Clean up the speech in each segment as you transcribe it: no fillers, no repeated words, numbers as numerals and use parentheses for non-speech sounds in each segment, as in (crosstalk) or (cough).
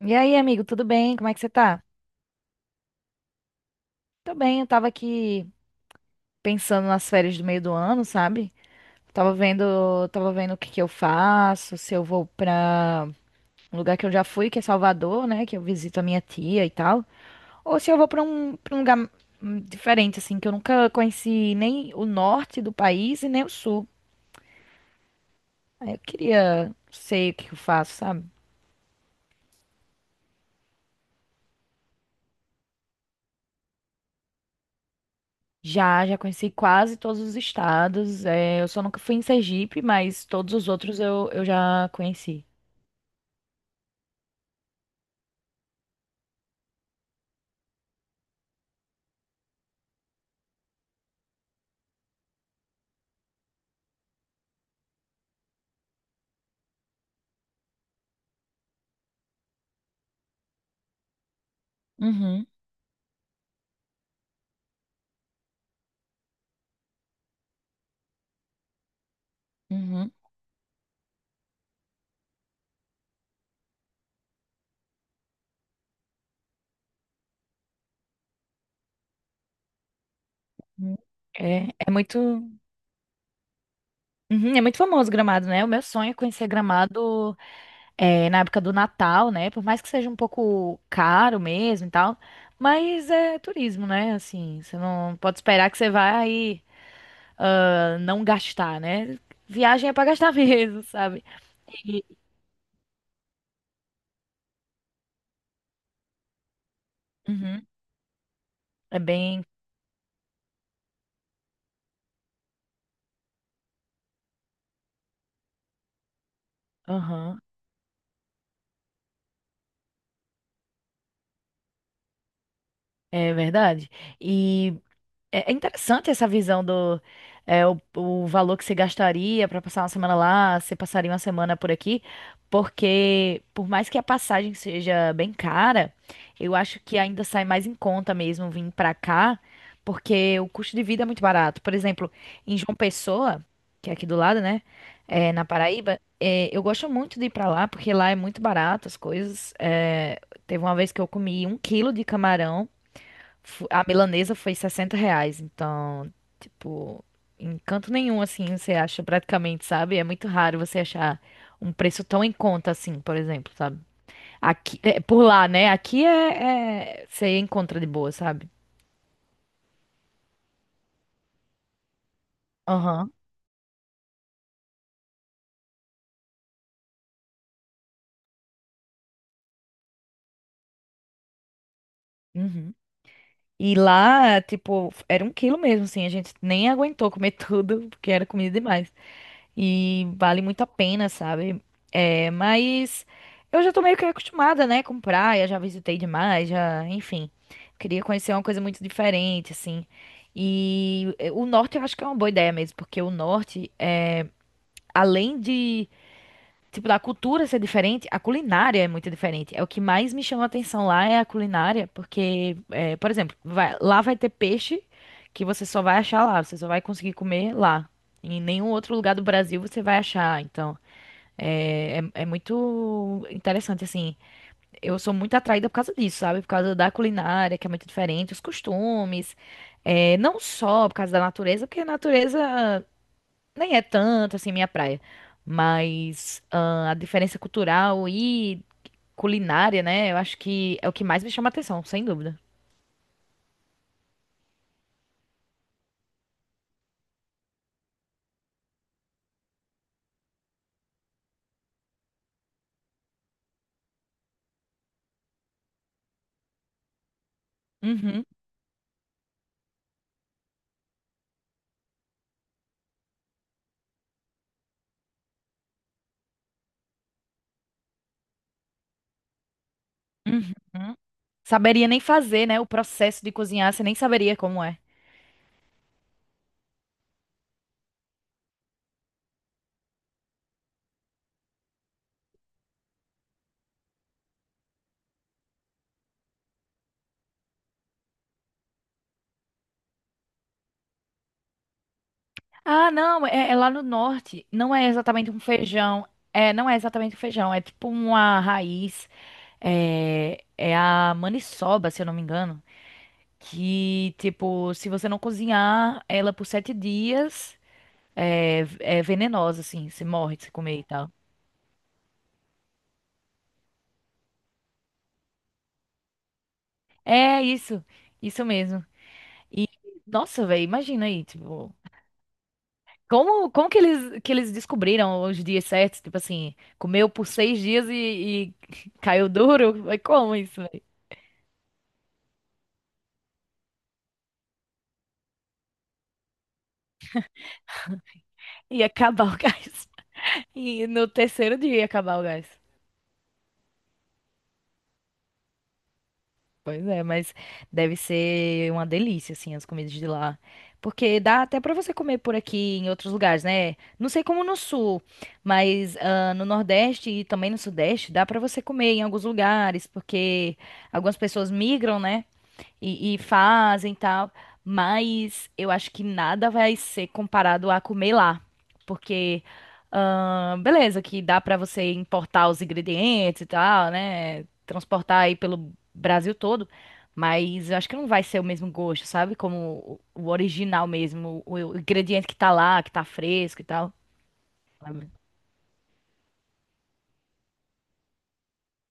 E aí, amigo, tudo bem? Como é que você tá? Tô bem, eu tava aqui pensando nas férias do meio do ano, sabe? Tava vendo o que que eu faço, se eu vou pra um lugar que eu já fui, que é Salvador, né, que eu visito a minha tia e tal, ou se eu vou pra um lugar diferente assim, que eu nunca conheci nem o norte do país e nem o sul. Aí eu queria sei o que que eu faço, sabe? Já conheci quase todos os estados. É, eu só nunca fui em Sergipe, mas todos os outros eu já conheci. Uhum. Uhum. Uhum. É muito. Uhum. É muito famoso Gramado, né? O meu sonho é conhecer Gramado na época do Natal, né? Por mais que seja um pouco caro mesmo e tal, mas é turismo, né? Assim, você não pode esperar que você vai não gastar, né? Viagem é pra gastar (laughs) mesmo, sabe? E- uhum. É bem. Aham. É verdade. e é interessante essa visão do o valor que você gastaria para passar uma semana lá, você passaria uma semana por aqui, porque por mais que a passagem seja bem cara, eu acho que ainda sai mais em conta mesmo vir para cá, porque o custo de vida é muito barato. Por exemplo, em João Pessoa, que é aqui do lado, né, na Paraíba, eu gosto muito de ir para lá porque lá é muito barato as coisas. É, teve uma vez que eu comi um quilo de camarão. A milanesa foi R$ 60, então, tipo, em canto nenhum, assim, você acha praticamente, sabe? É muito raro você achar um preço tão em conta assim, por exemplo, sabe? Aqui, por lá, né? Aqui você encontra de boa, sabe? Aham. Uhum. E lá, tipo, era um quilo mesmo, assim, a gente nem aguentou comer (laughs) tudo, porque era comida demais. E vale muito a pena, sabe? É, mas eu já tô meio que acostumada, né, com praia, já visitei demais, já, enfim. Queria conhecer uma coisa muito diferente, assim. E o norte eu acho que é uma boa ideia mesmo, porque o norte, além de, tipo, da cultura ser diferente, a culinária é muito diferente. É o que mais me chama a atenção lá é a culinária, porque, por exemplo, lá vai ter peixe que você só vai achar lá, você só vai conseguir comer lá. Em nenhum outro lugar do Brasil você vai achar, então. É muito interessante, assim. Eu sou muito atraída por causa disso, sabe? Por causa da culinária, que é muito diferente, os costumes. É, não só por causa da natureza, porque a natureza nem é tanto, assim, minha praia. Mas a diferença cultural e culinária, né? Eu acho que é o que mais me chama atenção, sem dúvida. Uhum. Uhum. Saberia nem fazer, né? O processo de cozinhar, você nem saberia como é. Ah, não, é lá no norte. Não é exatamente um feijão. É, não é exatamente um feijão. É tipo uma raiz. É a maniçoba, se eu não me engano. Que, tipo, se você não cozinhar ela por 7 dias, é venenosa, assim. Você morre se comer e tal. É isso. Isso mesmo. E, nossa, velho, imagina aí, tipo. Como que eles descobriram os dias certos? Tipo assim, comeu por 6 dias e, (laughs) caiu duro? Mas como isso? Ia acabar o gás. (laughs) E no terceiro dia ia acabar o gás. Pois é, mas deve ser uma delícia, assim, as comidas de lá. Porque dá até pra você comer por aqui em outros lugares, né? Não sei como no sul, mas no Nordeste e também no Sudeste dá pra você comer em alguns lugares, porque algumas pessoas migram, né? e fazem e tal, mas eu acho que nada vai ser comparado a comer lá, porque beleza, que dá pra você importar os ingredientes e tal, né? Transportar aí pelo Brasil todo, mas eu acho que não vai ser o mesmo gosto, sabe? Como o original mesmo, o ingrediente que tá lá, que tá fresco e tal.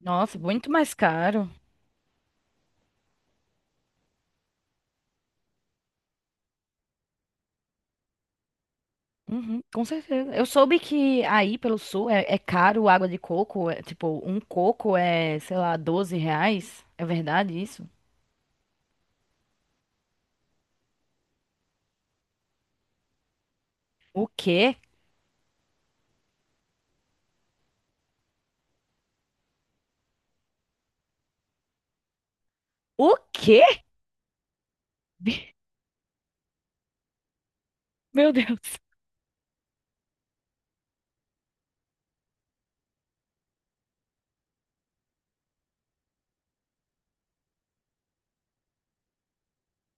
Nossa, muito mais caro. Uhum, com certeza. Eu soube que aí pelo sul é caro água de coco. Tipo, um coco é, sei lá, R$ 12. É verdade isso? O quê? O quê? (laughs) Meu Deus.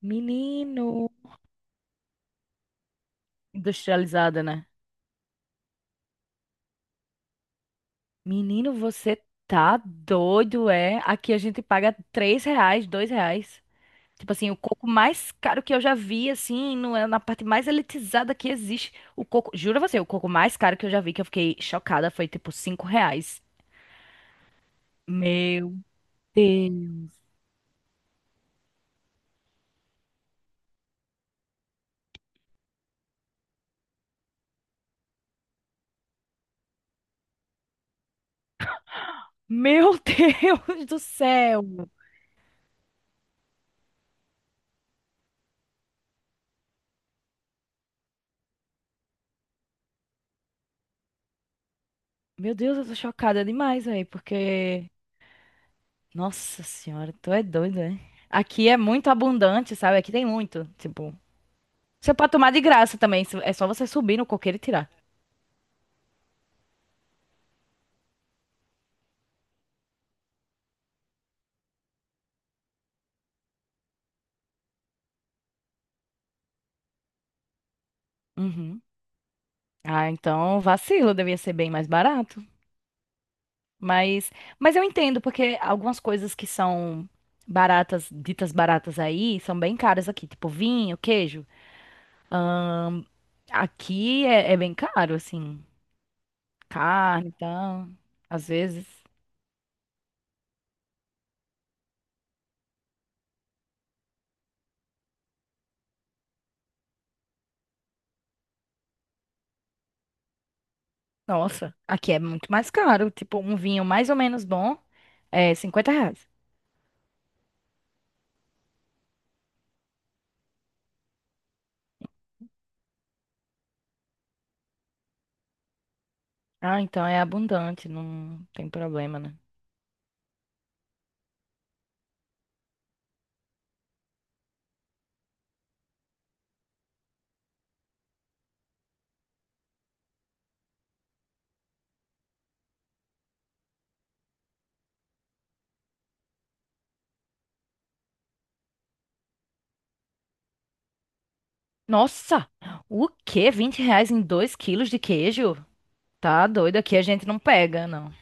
Menino. Industrializada, né? Menino, você tá doido, é? Aqui a gente paga R$ 3, R$ 2. Tipo assim, o coco mais caro que eu já vi, assim, no, é na parte mais elitizada que existe. O coco, jura você, o coco mais caro que eu já vi, que eu fiquei chocada, foi tipo R$ 5. Meu Deus. Meu (laughs) Deus do céu. Meu Deus, eu tô chocada demais, velho, porque. Nossa senhora, tu é doido, é? Aqui é muito abundante, sabe? Aqui tem muito. Tipo, você pode tomar de graça também. É só você subir no coqueiro e tirar. Uhum. Ah, então vacilo, devia ser bem mais barato. Mas, eu entendo, porque algumas coisas que são baratas, ditas baratas aí, são bem caras aqui. Tipo, vinho, queijo. Aqui é bem caro, assim. Carne, então, às vezes. Nossa, aqui é muito mais caro. Tipo, um vinho mais ou menos bom é R$ 50. Ah, então é abundante, não tem problema, né? Nossa, o quê? R$ 20 em 2 quilos de queijo? Tá doido, aqui a gente não pega, não.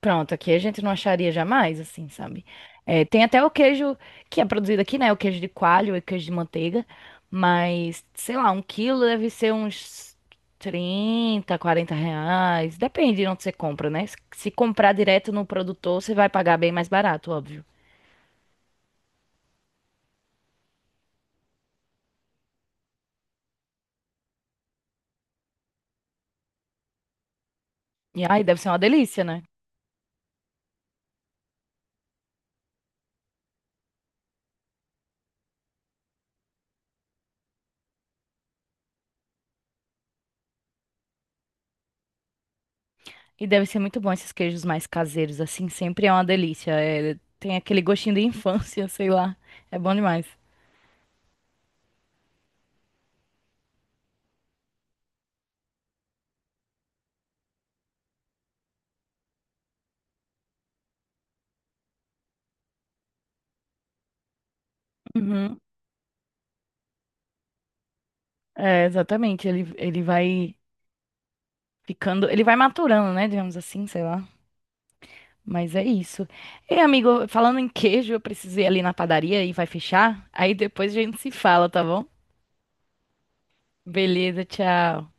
Pronto, aqui a gente não acharia jamais, assim, sabe? É, tem até o queijo que é produzido aqui, né? O queijo de coalho e o queijo de manteiga. Mas, sei lá, um quilo deve ser uns 30 40 reais. Depende de onde você compra, né? Se comprar direto no produtor, você vai pagar bem mais barato, óbvio. E aí deve ser uma delícia, né? E deve ser muito bom esses queijos mais caseiros, assim, sempre é uma delícia. É, tem aquele gostinho de infância, (laughs) sei lá. É bom demais. Uhum. É, exatamente. Ele vai ficando. Ele vai maturando, né? Digamos assim, sei lá. Mas é isso. Ei, amigo, falando em queijo, eu preciso ir ali na padaria e vai fechar. Aí depois a gente se fala, tá bom? Beleza, tchau.